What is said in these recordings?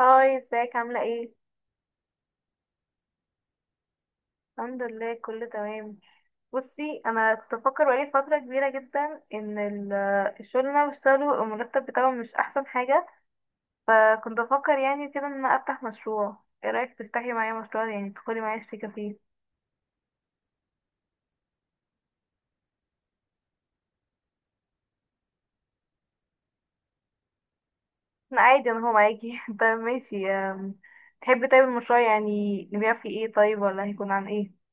هاي ازيك عاملة ايه؟ الحمد لله، كله تمام. بصي، انا كنت بفكر بقالي فترة كبيرة جدا ان الشغل اللي انا بشتغله المرتب بتاعه مش احسن حاجة. فكنت بفكر يعني كده ان انا افتح مشروع. ايه رأيك تفتحي معايا مشروع، يعني تدخلي معايا شريكة فيه؟ انا عادي، انا هو معاكي. طيب ماشي. تحبي طيب المشروع يعني نبيع فيه ايه، طيب، ولا هيكون عن ايه؟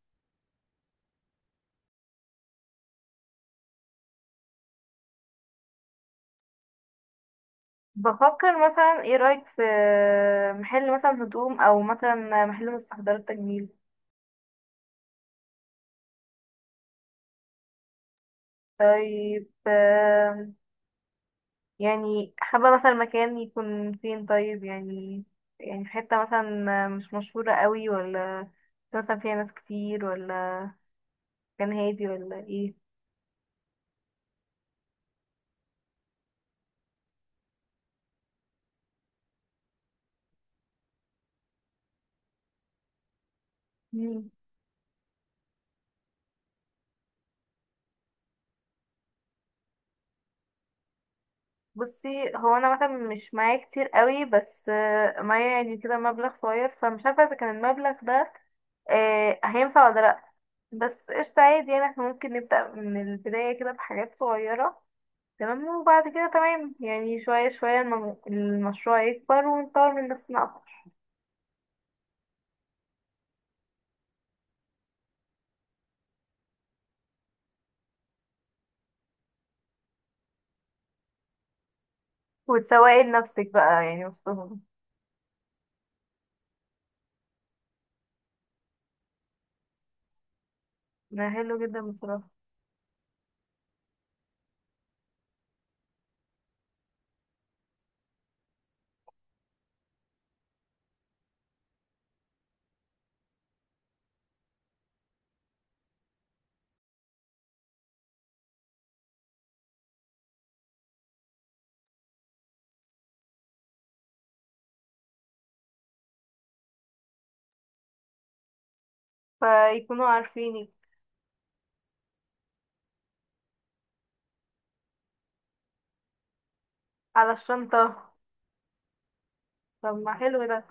بفكر مثلا، ايه رأيك في محل مثلا هدوم، او مثلا محل مستحضرات تجميل؟ طيب. يعني حابة مثلا مكان يكون فين طيب، يعني يعني في حتة مثلا مش مشهورة قوي، ولا مثلا فيها ناس كتير، ولا مكان هادي، ولا ايه؟ مم. بصي، هو انا مثلا مش معايا كتير قوي، بس معايا يعني كده مبلغ صغير، فمش عارفة اذا كان المبلغ ده هينفع ولا لأ. بس قشطة، عادي، يعني احنا ممكن نبدأ من البداية كده بحاجات صغيرة. تمام، وبعد كده تمام، يعني شوية شوية المشروع يكبر ونطور من نفسنا أكتر. وتسوقي لنفسك بقى، يعني وسطهم. ده حلو جدا بصراحة. فيكونوا عارفينك. على الشنطة. طب ما حلو ده.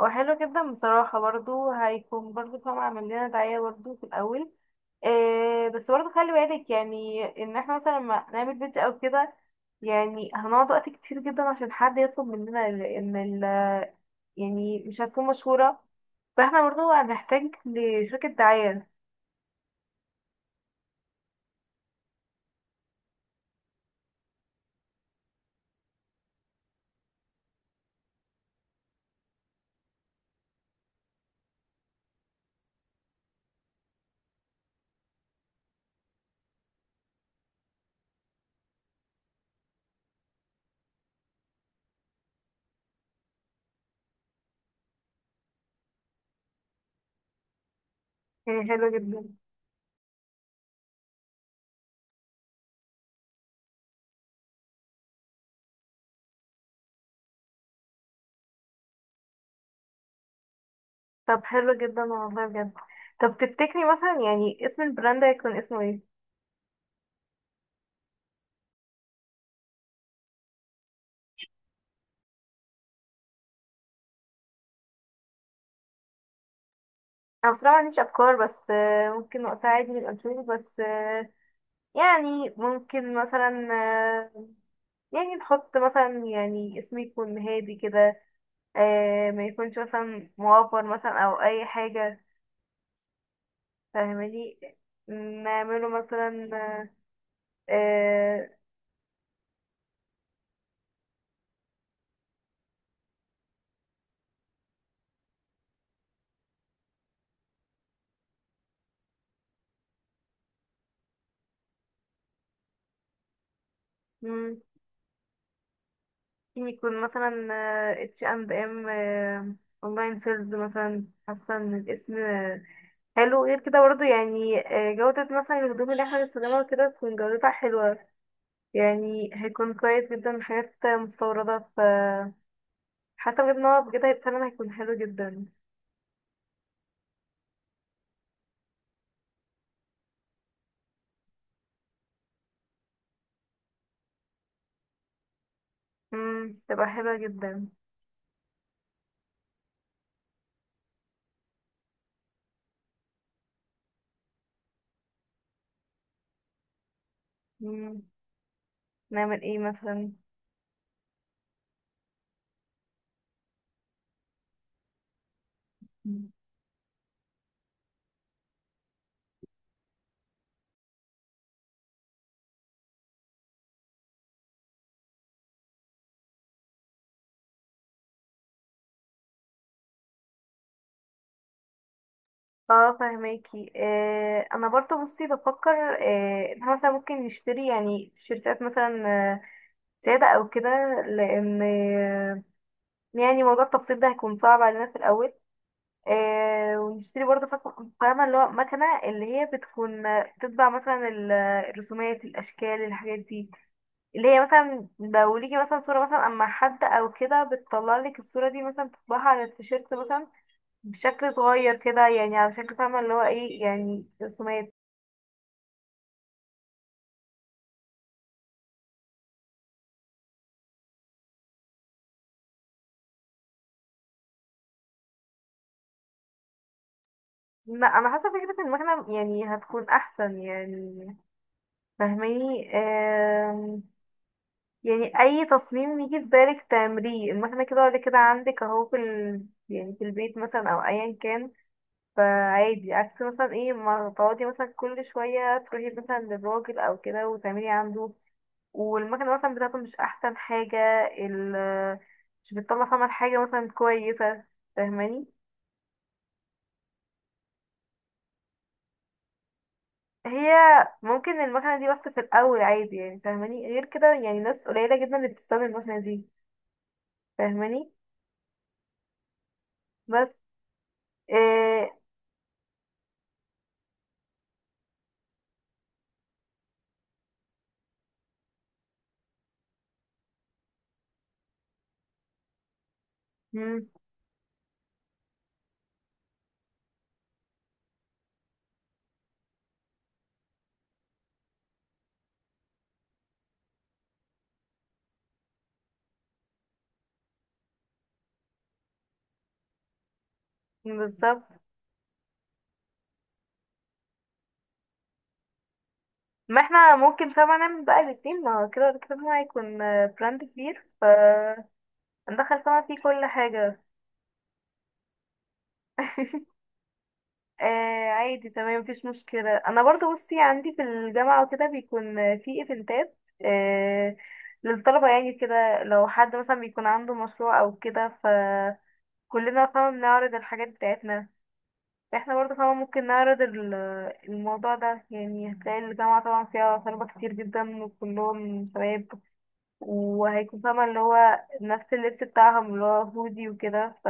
هو حلو جدا بصراحة، برضو هيكون برضو فاهمة عامل لنا دعاية برضو في الأول. إيه، بس برضو خلي بالك يعني ان احنا مثلا لما نعمل فيديو او كده، يعني هنقعد وقت كتير جدا عشان حد يطلب مننا ال- ان ال يعني مش هتكون مشهورة، فاحنا برضو هنحتاج لشركة دعاية. يعني حلو جدا. طب حلو جدا والله بجد. طب تفتكري مثلا يعني اسم البراند هيكون اسمه ايه؟ انا بصراحة ما عنديش افكار، بس ممكن وقتها عادي نبقى نشوف، بس يعني ممكن مثلا، يعني نحط مثلا يعني اسم يكون هادي كده، ما يكونش مثلا موفر مثلا او اي حاجة، فاهماني؟ نعمله مثلا. آه، مم، ممكن يكون مثلا اتش اند ام اونلاين سيلز مثلا. حاسه ان الاسم حلو، غير كده برضه يعني جودة مثلا الهدوم اللي احنا بنستخدمها كده تكون جودتها حلوة، يعني هيكون كويس جدا، حاجات مستوردة ف. حاسة بجد ان هو بجد فعلا هيكون حلو جدا. مم، تبقى حلوة جدا. مم، نعمل ايه مثلا؟ اه فهماكي. آه، انا برضو بصي بفكر، آه، ان احنا مثلا ممكن نشتري يعني تيشيرتات مثلا، آه، سادة او كده، لان آه، يعني موضوع التفصيل ده هيكون صعب علينا في الاول. آه، ونشتري برضو فاهمة اللي هو مكنة، اللي هي بتكون بتطبع مثلا الرسومات، الاشكال، الحاجات دي، اللي هي مثلا لو ليكي مثلا صورة مثلا اما حد او كده، بتطلع لك الصورة دي مثلا تطبعها على التيشيرت مثلا بشكل صغير كده، يعني على شكل، فاهمة اللي هو ايه، يعني رسومات. لا، انا حاسه فكره المكنه يعني هتكون احسن يعني، فاهماني؟ يعني اي تصميم يجي في بالك تعمليه المكنه كده ولا كده، عندك اهو في ال... يعني في البيت مثلا او ايا كان. فعادي، عكس مثلا ايه ما تقعدي مثلا كل شويه تروحي مثلا للراجل او كده وتعملي عنده، والمكنه مثلا بتاعته مش احسن حاجه، ال... مش بتطلع فاهمه حاجه مثلا كويسه، فاهماني؟ هي ممكن المكنة دي بس في الأول، عادي يعني، فاهماني؟ غير كده يعني ناس قليلة جدا اللي بتستخدم المكنة دي، فاهماني؟ بس إيه، مم، بالظبط. ما احنا ممكن طبعا نعمل بقى الاتنين، ما هو كده كده هو هيكون براند كبير، فندخل طبعا فيه كل حاجة. آه، عادي تمام، مفيش مشكلة. أنا برضو بصي عندي في الجامعة وكده بيكون في ايفنتات، آه، للطلبة، يعني كده لو حد مثلا بيكون عنده مشروع أو كده، كلنا طبعا بنعرض الحاجات بتاعتنا. احنا برضه طبعا ممكن نعرض الموضوع ده. يعني هتلاقي الجامعة طبعا فيها طلبة كتير جدا، وكلهم شباب، وهيكون فاهمة اللي هو نفس اللبس بتاعهم اللي هو هودي وكده ف،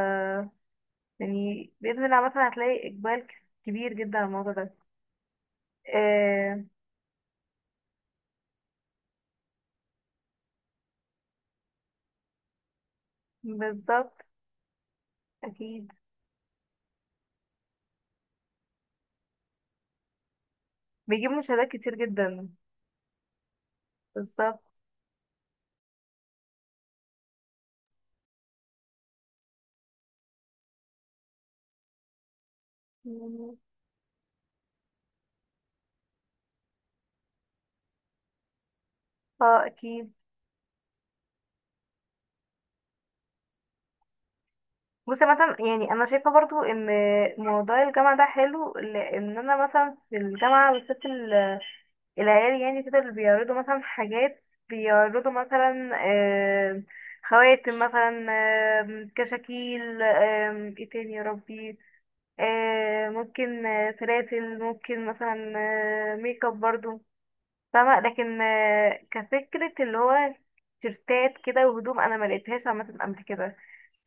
يعني بإذن الله مثلا هتلاقي إقبال كبير جدا على الموضوع ده. آه. بالظبط. أكيد. بيجيب مشاهدات كتير جدا. بالظبط. اه أكيد. بصي مثلا، يعني انا شايفه برضو ان موضوع الجامعه ده حلو، لان انا مثلا في الجامعه بالذات العيال يعني كده، اللي بيعرضوا مثلا حاجات، بيعرضوا مثلا خواتم مثلا، كشاكيل، ايه تاني يا ربي، ممكن سلاسل، ممكن مثلا ميك اب برضو، فاهمة؟ لكن كفكرة اللي هو تيشيرتات كده وهدوم، انا ما لقيتهاش عامة قبل كده،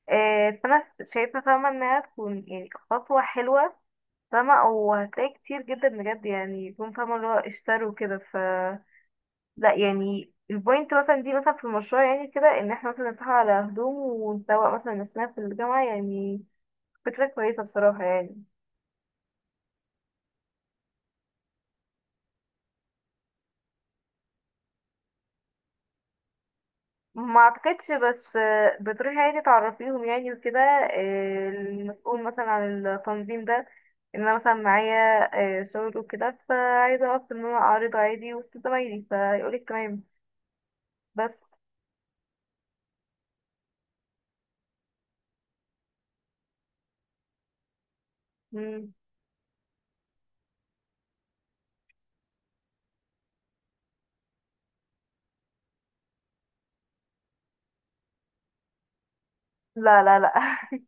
فانا شايفه، فاهمه انها تكون يعني خطوه حلوه، فاهمه، وهتلاقي كتير جدا بجد، يعني يكون فاهمه اللي هو اشتروا كده ف. لا، يعني البوينت مثلا دي مثلا في المشروع، يعني كده ان احنا مثلا نتفق على هدوم ونسوق مثلا نفسنا في الجامعه، يعني فكره كويسه بصراحه يعني. ما اعتقدش، بس بتروحي عادي تعرفيهم يعني وكده، المسؤول مثلا عن التنظيم ده، ان انا مثلا معايا شغل وكده، فعايزه اعرف ان انا اعرض عادي وسط زمايلي، فيقولك تمام. بس. مم. لا، لا، لا.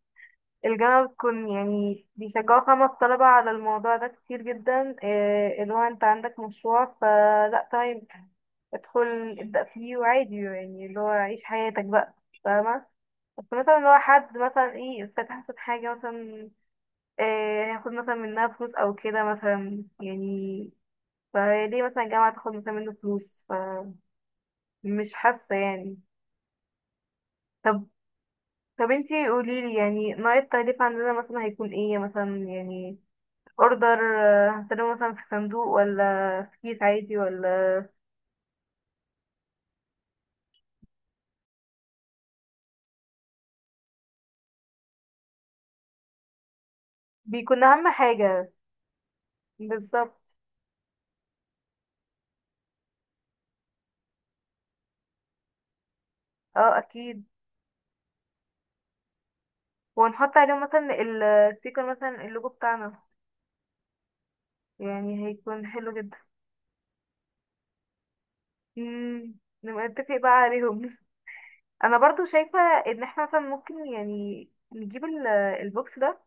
الجامعة بتكون يعني بيشجعوا خمس طلبة على الموضوع ده كتير جدا، اللي هو انت عندك مشروع فلا تمام، ادخل ابدأ فيه، وعادي يعني اللي هو عيش حياتك بقى، فاهمة؟ بس مثلا لو حد مثلا ايه فتح مثلا حاجة مثلا، آه، هياخد مثلا منها فلوس أو كده مثلا يعني، فليه مثلا الجامعة تاخد مثلا منه فلوس؟ فمش حاسة يعني. طب. طب انتي قوليلي، يعني نوع التغليف عندنا مثلا هيكون ايه مثلا، يعني اوردر هنسلمه مثلا في صندوق، ولا في كيس عادي، ولا؟ بيكون أهم حاجة. بالظبط. اه أكيد. ونحط عليه مثلا الستيكر، مثلا اللوجو بتاعنا، يعني هيكون حلو جدا. مم، نبقى نتفق بقى عليهم. انا برضو شايفة ان احنا مثلا ممكن يعني نجيب البوكس ده،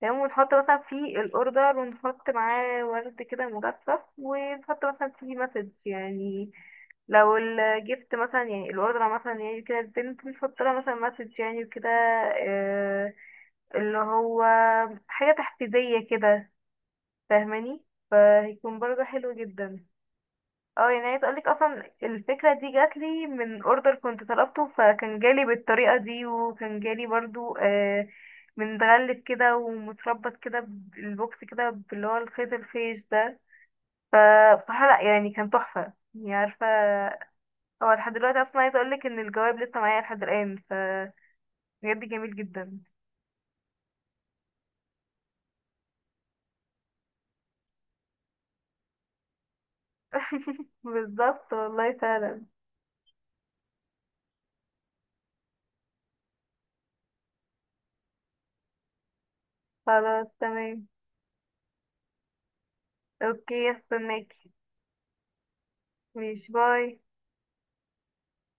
تمام، ونحط مثلا فيه الاوردر، ونحط معاه ورد كده مجفف، ونحط مثلا فيه مسج يعني، لو الجيفت مثلا يعني الاوردر مثلا يعني كده، البنت بنحط لها مثلا مسج يعني وكده، آه، اللي هو حاجة تحفيزية كده، فاهماني؟ فهيكون برضه حلو جدا. اه، يعني عايز اقولك اصلا الفكره دي جات لي من اوردر كنت طلبته، فكان جالي بالطريقه دي، وكان جالي برضو متغلف كده ومتربط كده بالبوكس كده باللي هو الخيط الخيش ده. فبصراحه لا، يعني كان تحفه يعني، عارفه، هو لحد دلوقتي اصلا عايز اقولك ان الجواب لسه معايا لحد الان ف. بجد جميل جدا. بالظبط والله فعلا. خلاص تمام. اوكي استناكي. ماشي، باي.